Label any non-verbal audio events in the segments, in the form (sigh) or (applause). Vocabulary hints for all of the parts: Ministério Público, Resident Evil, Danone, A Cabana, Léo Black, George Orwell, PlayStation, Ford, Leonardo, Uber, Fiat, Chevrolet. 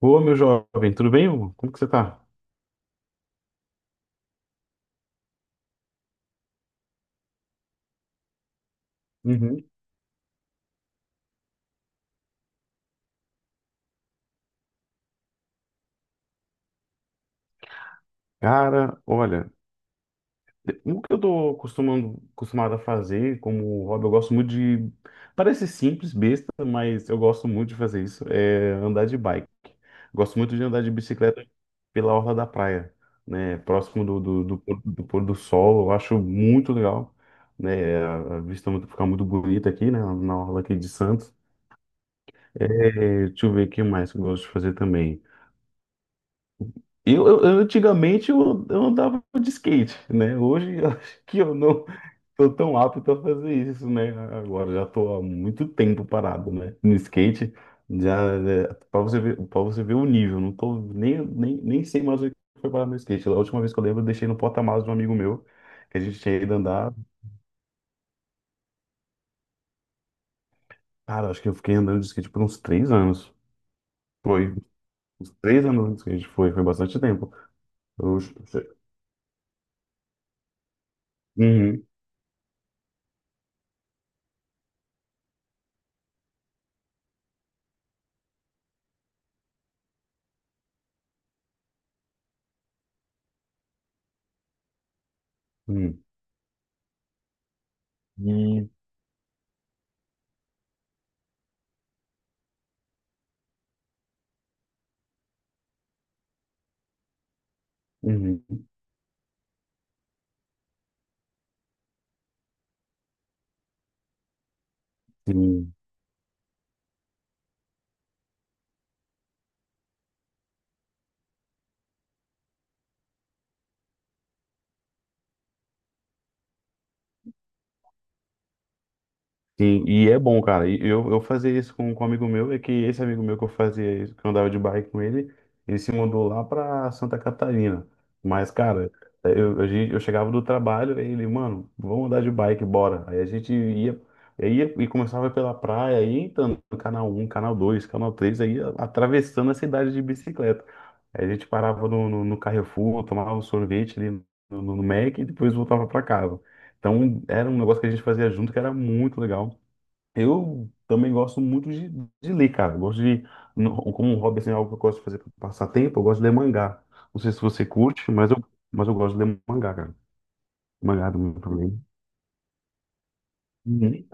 Ô, meu jovem, tudo bem? Hugo? Como que você tá? Uhum. Cara, olha, o que eu tô acostumado a fazer como hobby, eu gosto muito de. Parece simples, besta, mas eu gosto muito de fazer isso, é andar de bike. Gosto muito de andar de bicicleta pela orla da praia, né? Próximo do pôr do sol, eu acho muito legal, né? A vista fica muito bonita aqui, né? Na orla aqui de Santos. É, deixa eu ver o que mais que eu gosto de fazer também. Eu antigamente eu andava de skate, né? Hoje (laughs) eu acho que eu não tô tão apto a fazer isso, né? Agora já tô há muito tempo parado, né? No skate, já é, para você ver o nível, não tô nem sei mais o que foi parar no skate. A última vez que eu lembro, eu deixei no porta-malas de um amigo meu, que a gente tinha ido andar. Cara, acho que eu fiquei andando de skate por uns 3 anos. Foi, uns 3 anos de skate, foi bastante tempo. Eu, uhum, uhum, uhum, uhum. Sim. Sim, e é bom, cara. E eu fazia isso com um amigo meu, é que esse amigo meu que eu fazia isso, que eu andava de bike com ele, ele se mudou lá pra Santa Catarina. Mas, cara, eu chegava do trabalho, aí ele, mano, vamos andar de bike, bora. Aí a gente ia e começava pela praia, aí entrando no canal um, canal dois, canal três, aí atravessando a cidade de bicicleta. Aí a gente parava no Carrefour, tomava um sorvete ali no Mac e depois voltava pra casa. Então, era um negócio que a gente fazia junto que era muito legal. Eu também gosto muito de ler, cara. Eu gosto de, no- Como um hobby, assim, é algo que eu gosto de fazer para passar tempo, eu gosto de ler mangá. Não sei se você curte, mas eu gosto de ler mangá, cara. Mangá do meu também. Uhum.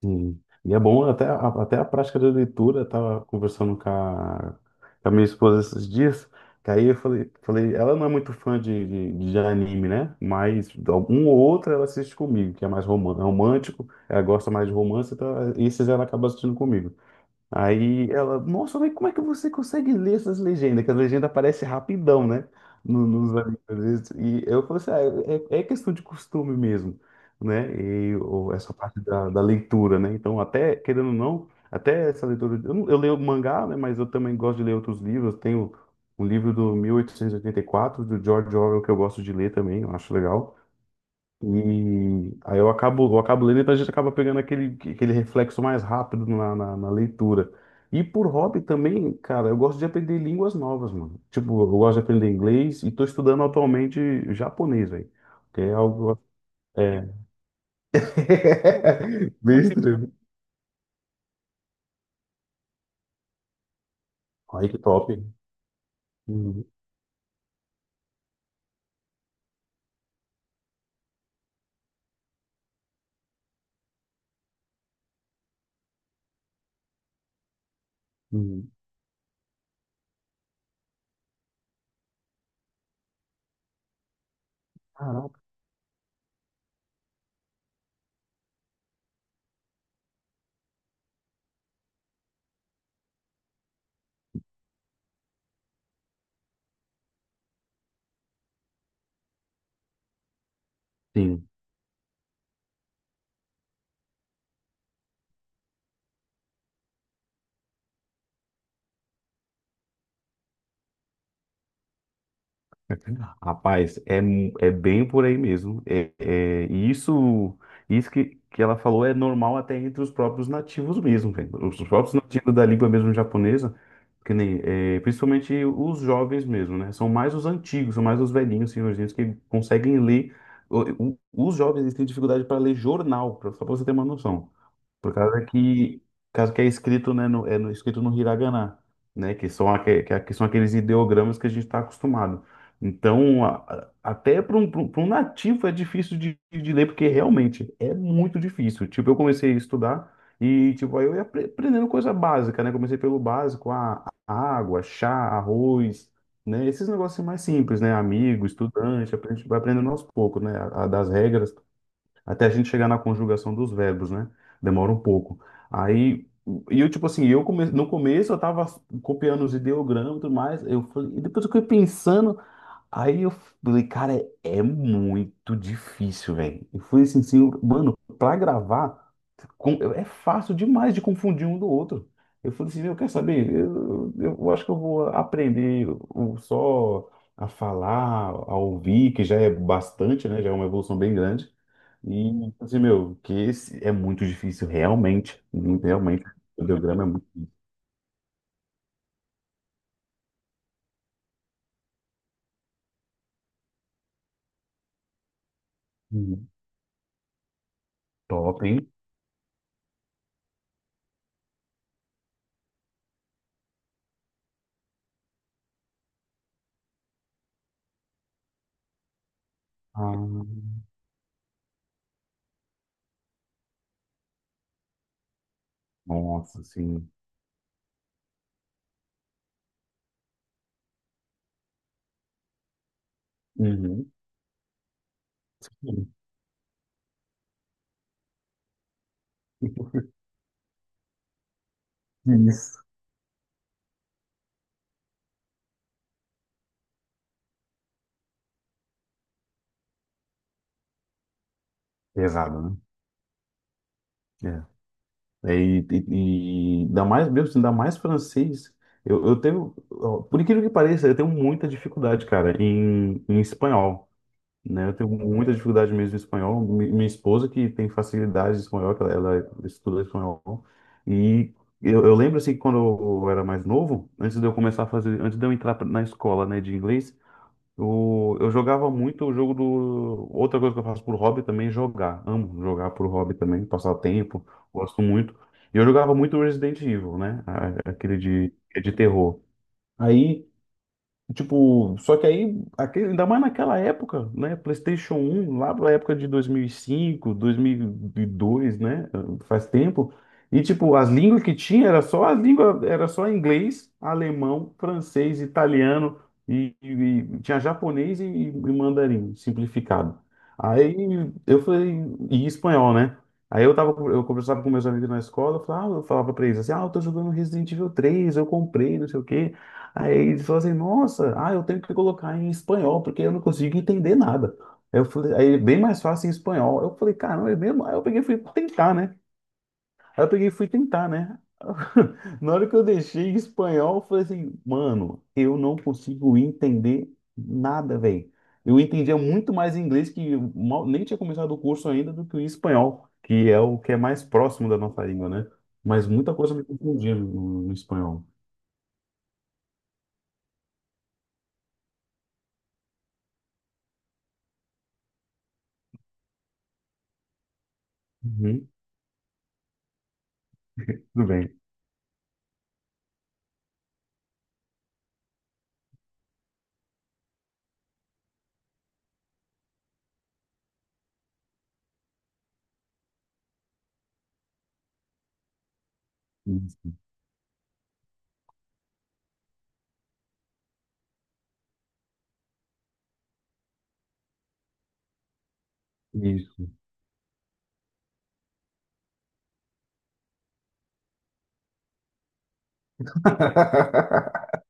Sim. E é bom até a prática da leitura. Eu tava conversando com a minha esposa esses dias, que aí eu falei, ela não é muito fã de anime, né? Mas um ou outro ela assiste comigo, que é mais é romântico, ela gosta mais de romance, então esses ela acaba assistindo comigo. Aí ela, nossa, mas como é que você consegue ler essas legendas? Que as legendas aparecem rapidão, né? Nos animes, às vezes. E eu falei assim, ah, é questão de costume mesmo, né? Essa parte da leitura, né? Então, até, querendo ou não, até essa leitura. Eu, não- eu leio mangá, né? Mas eu também gosto de ler outros livros. Tenho um livro do mil oitocentos e oitenta e quatro do George Orwell, que eu gosto de ler também, eu acho legal. E aí eu acabo lendo, então a gente acaba pegando aquele reflexo mais rápido na leitura. E por hobby também, cara, eu gosto de aprender línguas novas, mano. Tipo, eu gosto de aprender inglês e tô estudando atualmente japonês, velho. Que é algo. É. (laughs) Bem estranho. Olha que top. Uhum, uhum. Caraca. Sim. Rapaz, é bem por aí mesmo. E isso que ela falou é normal até entre os próprios nativos mesmo, velho. Os próprios nativos da língua mesmo japonesa, que nem, é, principalmente os jovens mesmo, né? São mais os antigos, são mais os velhinhos, senhorzinhos que conseguem ler. O- Os jovens eles têm dificuldade para ler jornal, só para você ter uma noção. Por causa que, por causa que é escrito, né, escrito no Hiragana, né, que são aqueles ideogramas que a gente está acostumado. Então, até para um, pra um pra um nativo é difícil de ler, porque realmente é muito difícil. Tipo, eu comecei a estudar e, tipo, aí eu ia aprendendo coisa básica, né? Comecei pelo básico, a água, chá, arroz, né? Esses negócios assim mais simples, né? Amigo, estudante, aprende, vai aprendendo aos poucos, né? A das regras até a gente chegar na conjugação dos verbos, né? Demora um pouco. Aí, e eu, tipo assim, no começo eu tava copiando os ideogramas e tudo mais, eu falei, e depois eu fiquei pensando, aí eu falei, cara, é muito difícil, velho. E fui assim, mano, pra gravar, é fácil demais de confundir um do outro. Eu falei assim, eu quero saber, eu acho que eu vou aprender só a falar, a ouvir, que já é bastante, né? Já é uma evolução bem grande. E, tipo assim, meu, que esse é muito difícil, realmente. Muito, realmente. O ideograma é muito muito top, hein? Ah, nossa, sim. Uhum. (laughs) Isso. Pesado, né? É. É, e ainda mais, meu, assim, ainda mais francês. Eu tenho, ó, por incrível que pareça, eu tenho muita dificuldade, cara, em espanhol. Né? Eu tenho muita dificuldade mesmo em espanhol. Minha esposa que tem facilidade em espanhol, que ela estuda espanhol. E eu lembro assim que quando eu era mais novo, antes de eu começar a fazer, antes de eu entrar na escola, né, de inglês, eu jogava muito o jogo do. Outra coisa que eu faço por hobby também é jogar. Amo jogar por hobby também, passar o tempo, gosto muito. E eu jogava muito Resident Evil, né? Aquele de terror. Aí tipo, só que aí, aquele, ainda mais naquela época, né? PlayStation 1 lá na época de 2005, 2002, né? Faz tempo. E tipo, as línguas que tinha era só as línguas, era só inglês, alemão, francês, italiano e tinha japonês e mandarim simplificado. Aí eu falei, e espanhol, né? Aí eu tava, eu conversava com meus amigos na escola, eu falava, ah, eu falava pra eles assim, ah, eu tô jogando Resident Evil 3, eu comprei, não sei o quê. Aí eles falaram assim, nossa, ah, eu tenho que colocar em espanhol, porque eu não consigo entender nada. Aí eu falei, aí é bem mais fácil em espanhol. Eu falei, caramba, é mesmo? Aí eu peguei e fui tentar, né? Aí eu peguei e fui tentar, né? (laughs) Na hora que eu deixei em espanhol, eu falei assim, mano, eu não consigo entender nada, velho. Eu entendia muito mais inglês, que eu mal, nem tinha começado o curso ainda, do que o espanhol, que é o que é mais próximo da nossa língua, né? Mas muita coisa me confundia no espanhol. Uhum, tudo bem. Isso. (laughs)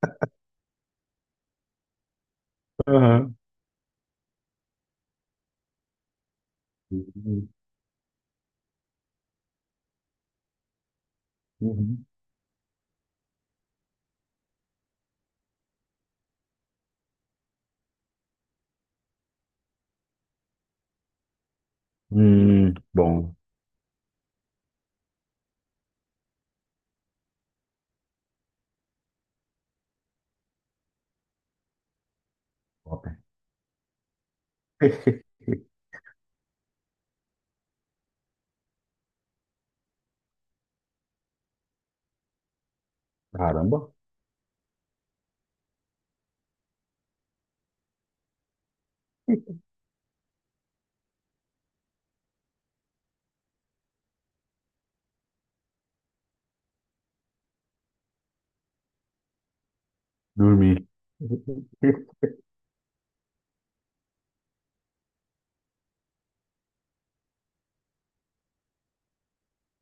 Aham. Uhum. Uhum. Bom. Top. (laughs) Caramba. Dormir.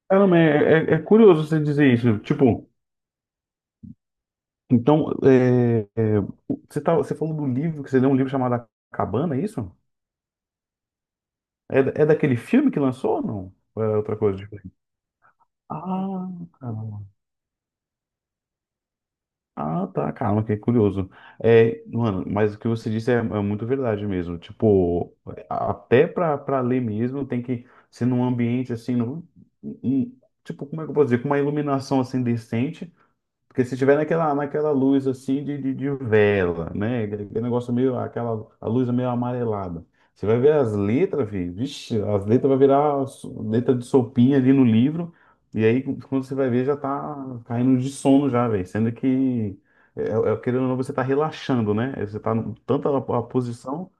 Caramba, é curioso você dizer isso. Tipo, então, você, tá, você falou do livro, que você leu um livro chamado A Cabana, é isso? É daquele filme que lançou ou não? Ou é outra coisa diferente? Ah, caramba. Ah, tá, calma, que é curioso. É, mano, mas o que você disse é muito verdade mesmo. Tipo, até pra ler mesmo, tem que ser num ambiente assim, tipo, como é que eu posso dizer? Com uma iluminação assim decente, porque se tiver naquela luz assim de vela, né? Aquele negócio meio, aquela a luz é meio amarelada. Você vai ver as letras, filho. Vixe, as letras vai virar letra de sopinha ali no livro. E aí, quando você vai ver, já tá caindo de sono já, velho. Sendo que, querendo ou não, você tá relaxando, né? Você tá tanto a posição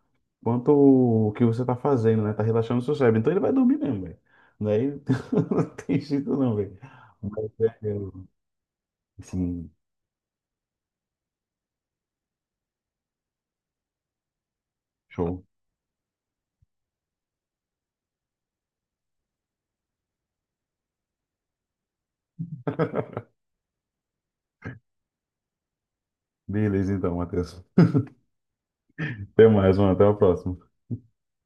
quanto o que você tá fazendo, né? Tá relaxando o seu cérebro. Então ele vai dormir mesmo, velho. Daí (laughs) não tem jeito não, velho. Mas é, assim, show. Beleza, então, Matheus. Até mais, mano. Até a próxima.